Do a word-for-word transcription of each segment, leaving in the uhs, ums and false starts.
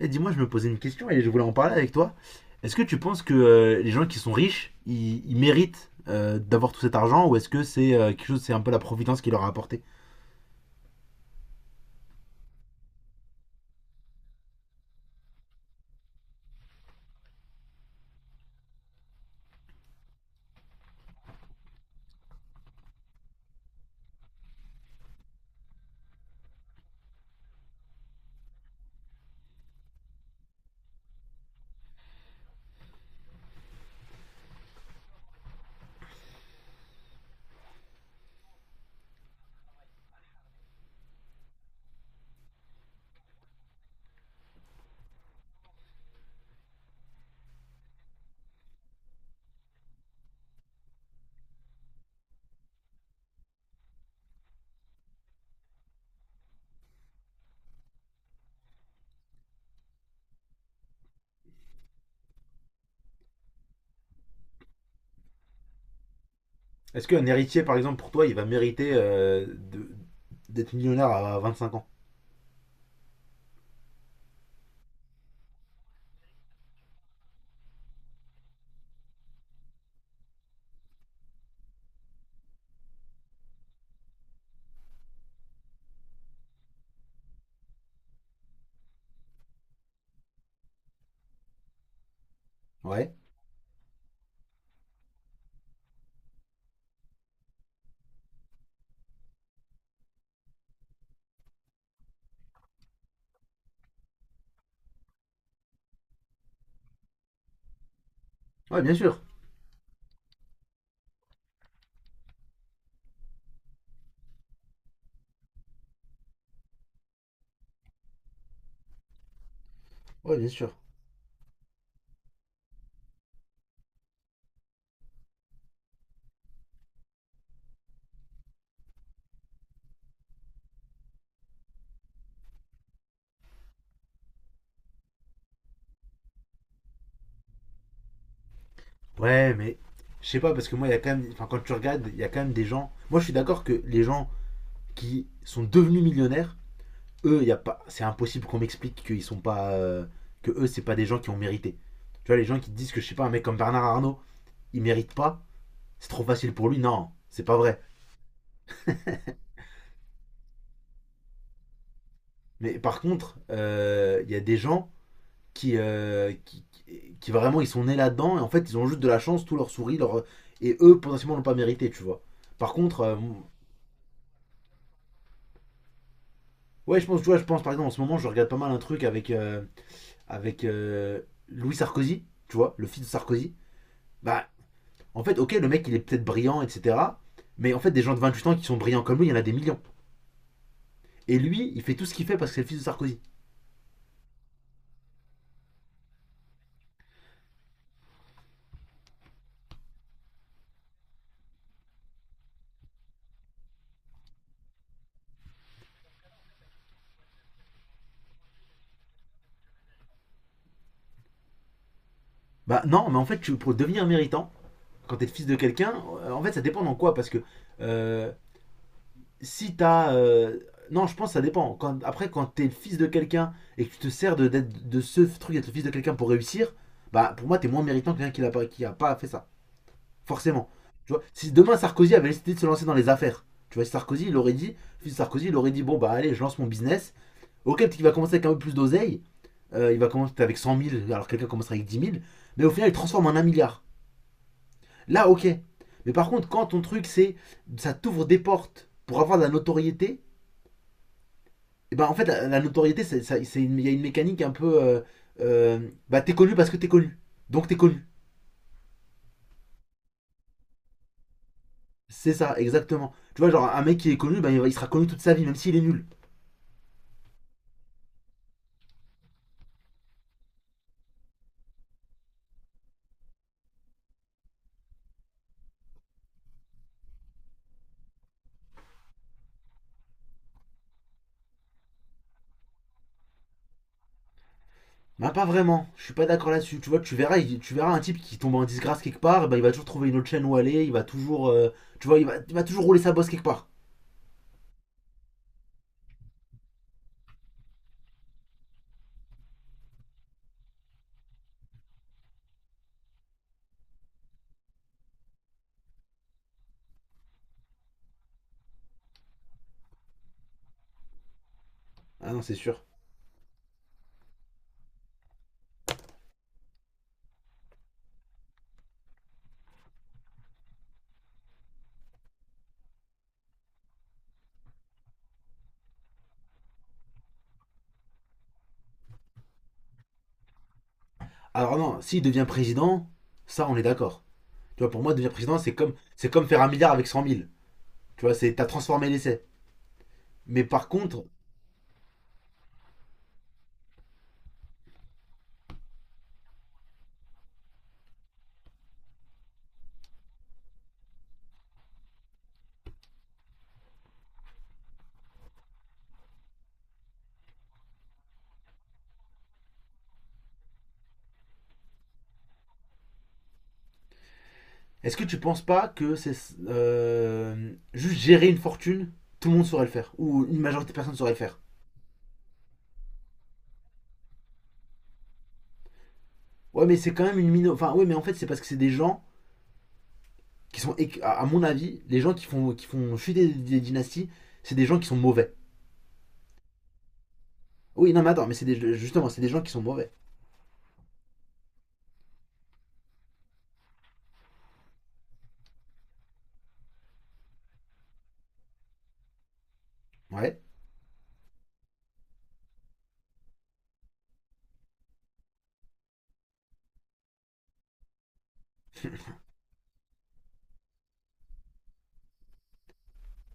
Et dis-moi, je me posais une question et je voulais en parler avec toi. Est-ce que tu penses que euh, les gens qui sont riches, ils, ils méritent euh, d'avoir tout cet argent, ou est-ce que c'est euh, quelque chose, c'est un peu la providence qui leur a apporté? Est-ce qu'un héritier, par exemple, pour toi, il va mériter euh, de- d'être millionnaire à vingt-cinq ans? Ouais. Ouais, bien sûr. Ouais, bien sûr. Ouais, mais je sais pas parce que moi, il y a quand même, enfin, quand tu regardes, il y a quand même des gens. Moi, je suis d'accord que les gens qui sont devenus millionnaires, eux, y a pas, c'est impossible qu'on m'explique qu'ils sont pas, euh, que eux, c'est pas des gens qui ont mérité. Tu vois, les gens qui disent que je sais pas, un mec comme Bernard Arnault, il mérite pas, c'est trop facile pour lui. Non, c'est pas vrai. Mais par contre, il euh, y a des gens qui, euh, qui, qui vraiment, ils sont nés là-dedans et en fait, ils ont juste de la chance, tout leur sourit, leur, et eux potentiellement l'ont pas mérité, tu vois. Par contre, euh, ouais, je pense, tu vois, je pense par exemple en ce moment, je regarde pas mal un truc avec euh, avec euh, Louis Sarkozy, tu vois, le fils de Sarkozy. Bah, en fait, ok, le mec, il est peut-être brillant, et cetera. Mais en fait, des gens de vingt-huit ans qui sont brillants comme lui, il y en a des millions. Et lui, il fait tout ce qu'il fait parce que c'est le fils de Sarkozy. Bah non, mais en fait, pour devenir méritant, quand t'es le fils de quelqu'un, euh, en fait, ça dépend dans quoi. Parce que euh, si t'as. Euh, non, je pense que ça dépend. Quand, après, quand t'es le fils de quelqu'un et que tu te sers de, d'être- de ce truc d'être le fils de quelqu'un pour réussir, bah pour moi, t'es moins méritant que quelqu'un qui, n'a pas- qui a pas fait ça. Forcément. Tu vois, si demain Sarkozy avait décidé de se lancer dans les affaires, tu vois, si Sarkozy, il aurait dit, si Sarkozy, il aurait dit, bon, bah allez, je lance mon business. Ok, peut-être qu'il va commencer avec un peu plus d'oseille. Euh, il va commencer avec cent mille, alors quelqu'un commencera avec dix mille. Mais au final, il transforme en un milliard. Là, ok. Mais par contre, quand ton truc, c'est, ça t'ouvre des portes pour avoir de la notoriété, et ben en fait, la, la notoriété, c'est, il y a une mécanique un peu, euh, euh, bah t'es connu parce que t'es connu. Donc t'es connu. C'est ça, exactement. Tu vois, genre un mec qui est connu, ben, il il sera connu toute sa vie, même s'il est nul. Bah pas vraiment, je suis pas d'accord là-dessus. Tu vois, tu verras, tu verras un type qui tombe en disgrâce quelque part, bah, il va toujours trouver une autre chaîne où aller, il va toujours, euh, tu vois, il va, il va toujours rouler sa bosse quelque part. Ah non, c'est sûr. Alors non, s'il devient président, ça on est d'accord. Tu vois, pour moi, devenir président, c'est comme, c'est comme faire un milliard avec cent mille. Tu vois, c'est, t'as transformé l'essai. Mais par contre, est-ce que tu penses pas que c'est, euh, juste gérer une fortune, tout le monde saurait le faire, ou une majorité de personnes saurait le faire? Ouais, mais c'est quand même une mino... Enfin, ouais, mais en fait, c'est parce que c'est des gens qui sont, à mon avis, les gens qui font, qui font chuter des, des dynasties, c'est des gens qui sont mauvais. Oui, non, mais attends, mais c'est des, justement, c'est des gens qui sont mauvais. Ouais.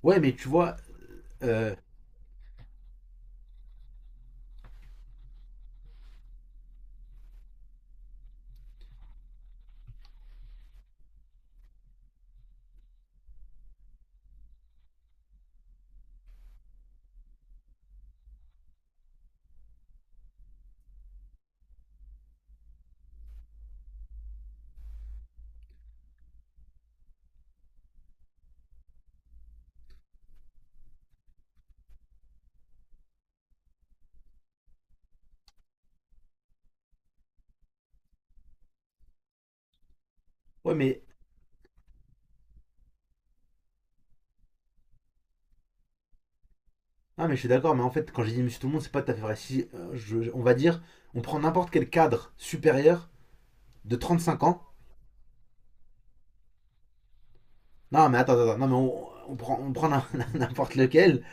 Ouais, mais tu vois, euh, ouais, mais, non, mais je suis d'accord, mais en fait, quand j'ai dit Monsieur Tout le Monde, c'est pas tout à fait vrai. Si, euh, je- on va dire, on prend n'importe quel cadre supérieur de trente cinq ans. Non, mais attends, attends, non, mais on, on prend, on prend n'importe lequel.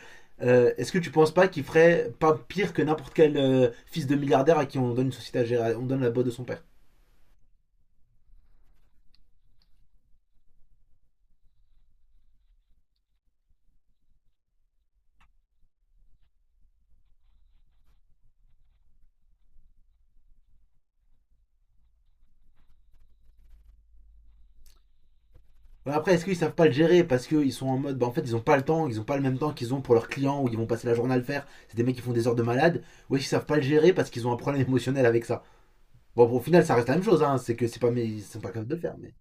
Euh, Est-ce que tu penses pas qu'il ferait pas pire que n'importe quel euh, fils de milliardaire à qui on donne une société à gérer, on donne la boîte de son père? Bah, après, est-ce qu'ils savent pas le gérer parce qu'ils sont en mode, bah en fait, ils ont pas le temps, ils ont pas le même temps qu'ils ont pour leurs clients où ils vont passer la journée à le faire. C'est des mecs qui font des heures de malade. Ou est-ce qu'ils savent pas le gérer parce qu'ils ont un problème émotionnel avec ça. Bon, au final, ça reste la même chose, hein. C'est que c'est pas, mais ils sont pas capables de le faire. Mais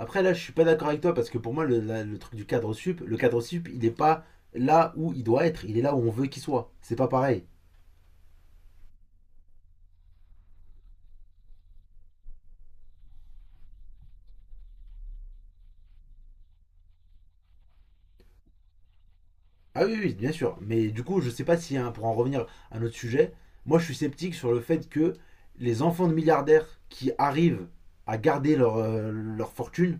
après, là, je suis pas d'accord avec toi parce que pour moi, le, la- le truc du cadre sup, le cadre sup, il est pas là où il doit être. Il est là où on veut qu'il soit. C'est pas pareil. Ah oui, oui, bien sûr. Mais du coup, je sais pas si, hein, pour en revenir à notre sujet, moi je suis sceptique sur le fait que les enfants de milliardaires qui arrivent à garder leur, euh, leur fortune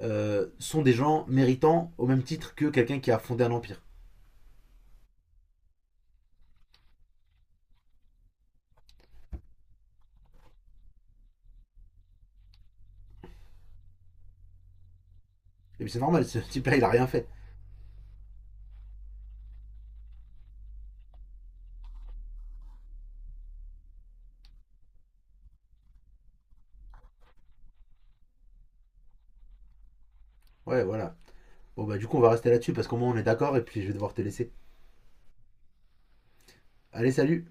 euh, sont des gens méritants au même titre que quelqu'un qui a fondé un empire. Et puis c'est normal, ce type-là, il a rien fait. Ouais, voilà. Bon, bah du coup, on va rester là-dessus parce qu'au moins on est d'accord et puis je vais devoir te laisser. Allez, salut.